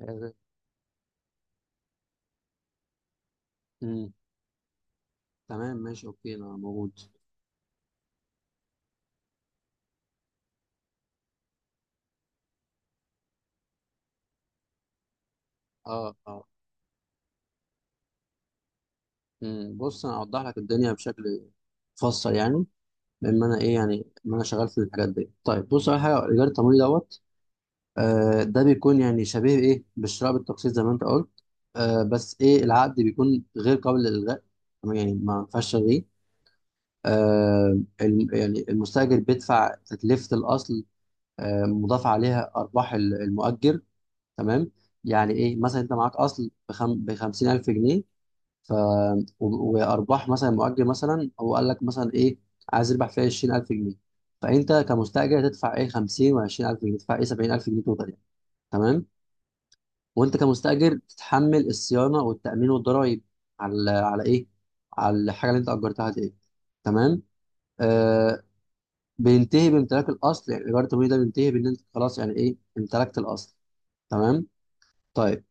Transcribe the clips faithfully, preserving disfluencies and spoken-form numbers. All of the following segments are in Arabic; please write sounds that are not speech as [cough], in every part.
آه، مم. تمام ماشي اوكي انا موجود. اه اه مم. بص انا اوضح لك الدنيا بشكل مفصل يعني، لان انا ايه يعني ما انا شغال في الحاجات دي. طيب بص، اول حاجه الايجار التمويلي دوت، آه ده بيكون يعني شبيه ايه بالشراء بالتقسيط زي ما انت قلت. آه بس ايه، العقد بيكون غير قابل للالغاء، تمام؟ يعني ما ينفعش تلغيه. آه الم- يعني المستاجر بيدفع تكلفه الاصل، آه مضاف عليها ارباح ال- المؤجر، تمام. يعني ايه، مثلا انت معاك اصل بخم... ب خمسين الف جنيه، ف و- وارباح مثلا مؤجر، مثلا هو قال لك مثلا ايه، عايز يربح فيها عشرين الف جنيه، فانت كمستاجر تدفع ايه خمسين و20000 جنيه، تدفع ايه سبعين الف جنيه توتال يعني، تمام. وانت كمستاجر تتحمل الصيانه والتامين والضرايب على على ايه، على الحاجه اللي انت اجرتها دي، تمام. آه بينتهي بامتلاك الاصل، يعني ايجار التمويل ده بينتهي بان انت خلاص يعني ايه امتلكت الاصل، تمام. طيب،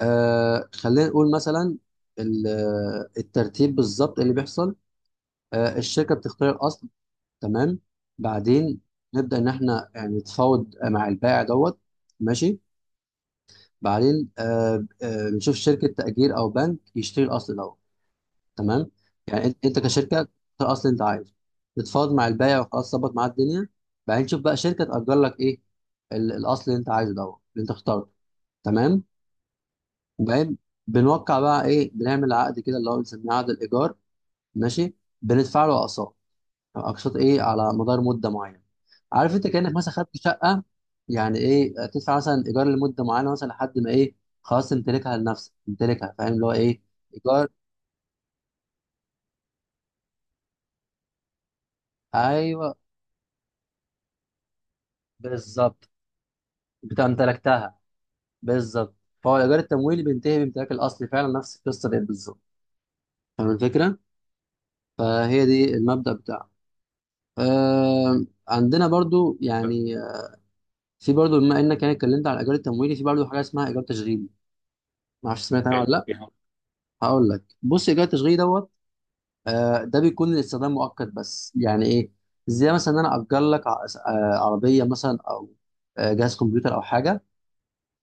آه خلينا نقول مثلا ال- آه، الترتيب بالظبط إيه اللي بيحصل. آه الشركه بتختار الاصل، تمام. بعدين نبدا ان احنا يعني نتفاوض مع البائع دوت، ماشي. بعدين آه آه نشوف شركه تاجير او بنك يشتري الاصل دوت، تمام. يعني انت، أنت كشركه تختار الاصل اللي انت عايزه، تتفاوض مع البائع وخلاص ظبط معاه الدنيا. بعدين تشوف بقى شركه تاجر لك ايه ال- الاصل اللي انت عايزه دوت، اللي انت اخترته، تمام. وبعدين بنوقع بقى ايه، بنعمل عقد كده اللي هو بنسميه عقد الايجار، ماشي. بندفع له اقساط، اقساط ايه على مدار مده معينه. عارف، انت كانك مثلا خدت شقه، يعني ايه تدفع مثلا ايجار لمده معينه، مثلا لحد ما ايه، خلاص تمتلكها لنفسك، تمتلكها. فاهم اللي هو ايه؟ ايجار ايوه، بالظبط، بتاع امتلكتها. بالظبط، فهو الايجار التمويلي بينتهي بامتلاك الاصل فعلا، نفس القصه دي بالظبط. فاهم الفكره؟ فهي دي المبدا بتاعه. آه عندنا برضو يعني في برضو، بما انك يعني اتكلمت على الايجار التمويلي، في برضو حاجه اسمها ايجار تشغيلي. ما اعرفش سمعت عنها ولا لا، اوكي؟ هقول لك بص، ايجار التشغيلي دوت، آه ده بيكون للاستخدام مؤقت بس، يعني ايه، زي مثلا ان انا اجر لك ع- آه عربيه مثلا، او آه جهاز كمبيوتر او حاجه،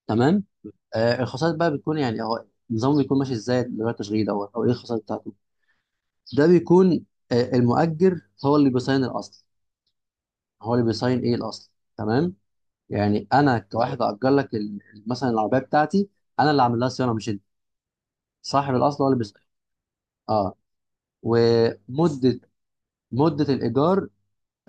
تمام. آه الخصائص بقى بتكون يعني، هو النظام بيكون ماشي ازاي الايجار التشغيلي دوت، او ايه الخصائص بتاعته. ده بيكون آه المؤجر هو اللي بيصين الاصل، هو اللي بيصين ايه الاصل، تمام. يعني انا كواحد اجر لك ال- مثلا العربيه بتاعتي، انا اللي عامل لها صيانه مش انت، صاحب الاصل هو اللي بيسأل، اه. ومده، مده الايجار،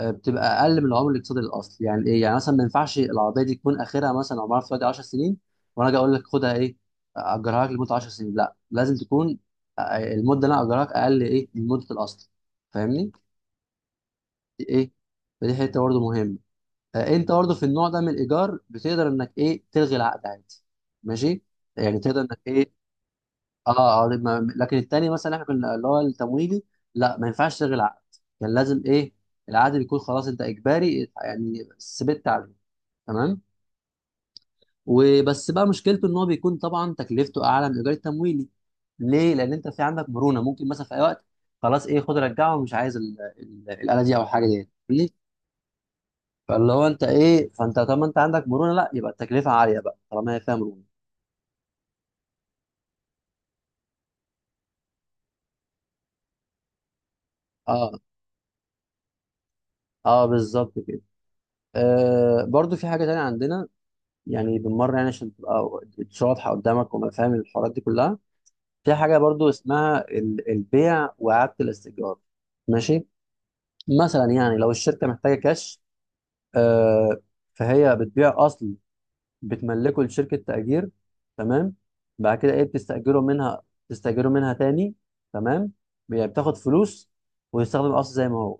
آه، بتبقى اقل من العمر الاقتصادي للاصل، يعني ايه، يعني مثلا ما ينفعش العربيه دي تكون اخرها مثلا، عمرها في دلوقتي عشر سنين، وانا اجي اقول لك خدها ايه اجرها لك لمده عشر سنين، لا لازم تكون آه، المده اللي انا اجرها لك اقل ايه من مده الاصل. فاهمني؟ دي ايه، فدي حته برضه مهمه. آه، انت برضه في النوع ده من الايجار بتقدر انك ايه تلغي العقد عادي، ماشي، يعني تقدر انك ايه، اه اه دي- ما- لكن التاني مثلا احنا كنا اللي هو التمويلي، لا ما ينفعش تلغي العقد، كان لازم ايه، العقد بيكون خلاص انت اجباري يعني ثبت عليه، تمام. وبس بقى مشكلته ان هو بيكون طبعا تكلفته اعلى من الايجار التمويلي. ليه؟ لان انت في عندك مرونه، ممكن مثلا في اي وقت خلاص ايه خد رجعه ومش عايز ال- ال- الاله دي او الحاجه دي، فاهمني؟ فاللي هو انت ايه، فانت طالما انت عندك مرونه، لا يبقى التكلفه عاليه بقى طالما هي فيها مرونه. اه اه بالظبط كده. آه برضو في حاجه تانية عندنا، يعني بالمره يعني عشان تبقى الدشة واضحه قدامك، وما فاهم الحوارات دي كلها. في حاجه برضو اسمها ال- البيع واعاده الاستئجار، ماشي. مثلا يعني لو الشركه محتاجه كاش، آه فهي بتبيع اصل، بتملكه لشركه تاجير، تمام. بعد كده ايه بتستاجره منها، تستاجره منها تاني، تمام. بي- بتاخد فلوس ويستخدم الاصل زي ما هو،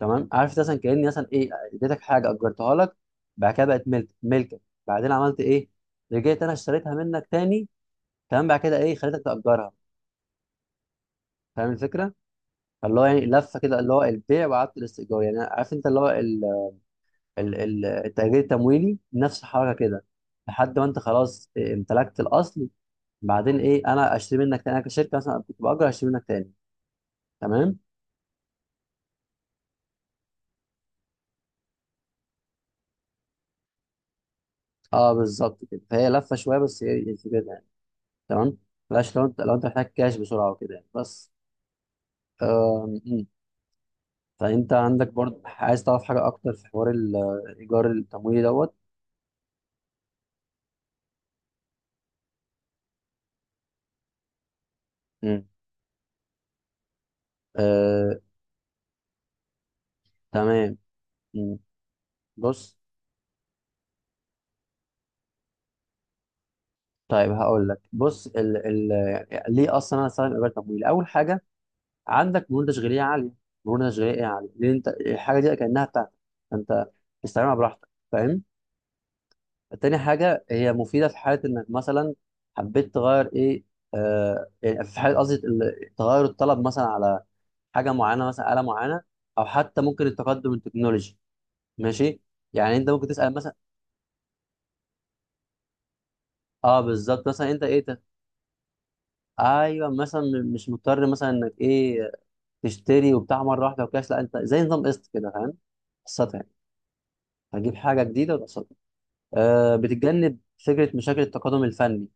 تمام. عارف مثلا كاني مثلا ايه اديتك حاجه اجرتها لك، بعد كده بقت ملك ملكك، بعدين عملت ايه، رجعت انا اشتريتها منك تاني، تمام، بعد كده ايه خليتك تاجرها. فاهم الفكره؟ فاللي هو يعني لفه كده، اللي هو البيع وعدم الاستئجار، يعني عارف انت اللي هو ال- ال- ال- التأجير التمويلي نفس الحركه كده، لحد ما انت خلاص إيه، امتلكت الاصل، بعدين ايه انا اشتري منك تاني، انا كشركه مثلا كنت باجر اشتري منك تاني، تمام. اه بالظبط كده، فهي لفه شويه بس هي الفكره، تمام. بلاش، لو انت، لو انت محتاج كاش بسرعه وكده يعني، بس. آم، مم. فانت عندك برضه عايز تعرف حاجه اكتر في حوار ال- الايجار التمويلي دوت. مم. آه، تمام. مم. بص، طيب هقول لك بص، ال ال ليه اصلا انا استخدم ايجار تمويلي. اول حاجه عندك مرونه تشغيليه عاليه، مرونه تشغيليه عاليه، لان انت الحاجه دي كانها بتاعتك، فانت استخدمها براحتك، فاهم. تاني حاجة هي مفيدة في حالة إنك مثلا حبيت تغير إيه، آه يعني في حالة قصدي ال- تغير الطلب مثلا على حاجة معينة، مثلا آلة معينة، أو حتى ممكن التقدم التكنولوجي، ماشي. يعني أنت ممكن تسأل مثلا، أه بالظبط مثلا أنت إيه ده، أيوه مثلا، م- مش مضطر مثلا إنك إيه تشتري وبتاع مرة واحدة وكاش، لا أنت زي نظام قسط كده، فاهم، قسطها يعني، هتجيب حاجة جديدة وتقسطها. آه بتتجنب فكرة مشاكل التقادم الفني،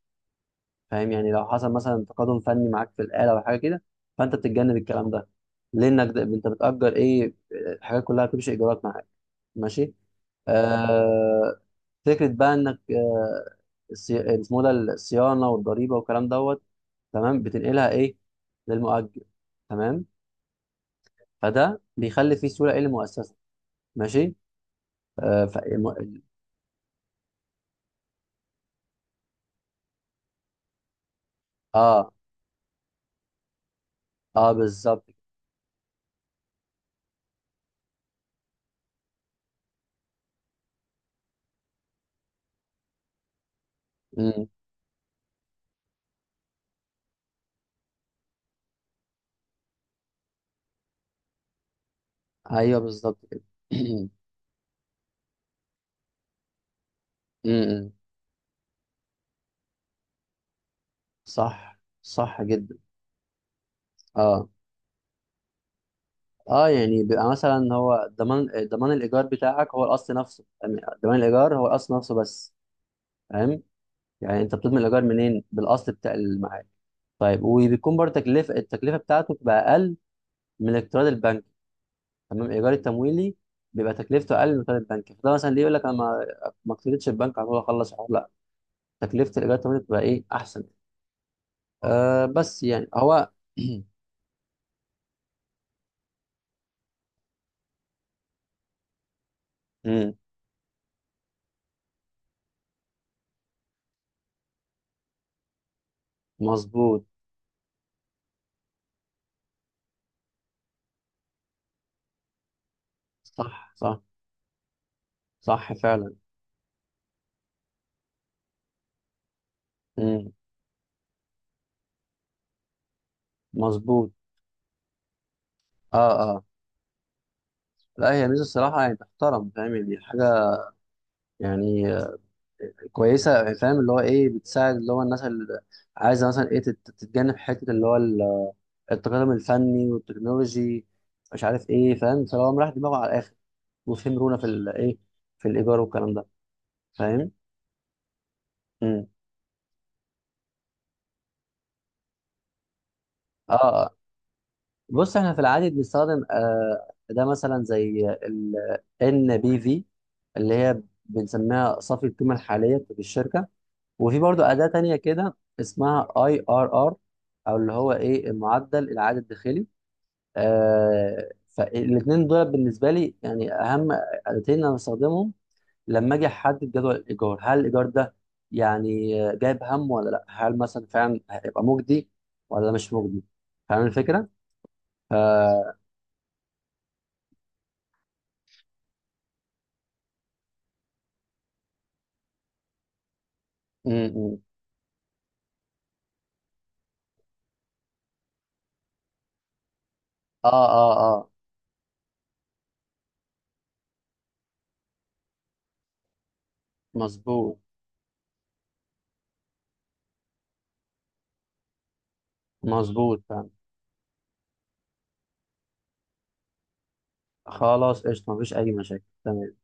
فاهم، يعني لو حصل مثلا تقادم فني معاك في الآلة أو حاجة كده، فأنت بتتجنب الكلام ده، لأنك ده أنت بتأجر إيه، الحاجات كلها بتمشي إيجارات معاك، ماشي. آه فكرة بقى إنك آه، الصي- اسمه ده الصيانة والضريبة والكلام دوت، تمام، بتنقلها إيه للمؤجر، تمام، فده بيخلي فيه سهولة إيه للمؤسسة، ماشي. آه ف... الم- آه آه بالظبط. مم. أيوه بالظبط كده. [clears throat] مم، مم. صح صح جدا. اه اه يعني بيبقى مثلا هو ضمان، ضمان الايجار بتاعك هو الاصل نفسه، يعني ضمان الايجار هو الاصل نفسه بس، فاهم، يعني انت بتضمن الايجار منين، بالاصل بتاع المعاد. طيب وبيكون برضه تكلفه، التكلفه بتاعته بتبقى اقل من الاقتراض البنكي، تمام. الايجار التمويلي بيبقى تكلفته اقل من الاقتراض البنكي، فده مثلا ليه يقول لك انا ما، ما اقترضتش البنك على طول اخلص الحوار، لا، تكلفه الايجار التمويلي بتبقى ايه احسن. آه بس يعني هو، [clears throat] مم، مظبوط. صح صح صح فعلا. مم، مظبوط. اه آه. لا هي ميزه الصراحه يعني تحترم، فاهم يعني حاجه يعني آه، كويسه يعني، فاهم اللي هو ايه، بتساعد اللي هو الناس اللي عايزه مثلا ايه تت- تتجنب حته اللي هو ال- التقدم الفني والتكنولوجي، مش عارف ايه، فاهم، فهو مريح دماغه على الاخر، وفهم رونا في الايه، في الايجار والكلام ده، فاهم. امم. اه آه. بص احنا في العادي بنستخدم آه ده مثلا زي ال إن بي في، اللي هي بنسميها صافي القيمه الحاليه في الشركه، وفي برضو أداة تانية كده اسمها اي ار ار، او اللي هو ايه المعدل العائد الداخلي. آه فالاثنين دول بالنسبة لي يعني اهم أداتين انا بستخدمهم، لما اجي احدد جدول الايجار، هل الايجار ده يعني جايب هم ولا لا، هل مثلا فعلا هيبقى مجدي ولا مش مجدي، فاهم الفكرة؟ ف... م- م. اه اه اه. مظبوط مظبوط فاهم. خلاص قشطة، مفيش اي مشاكل، تمام.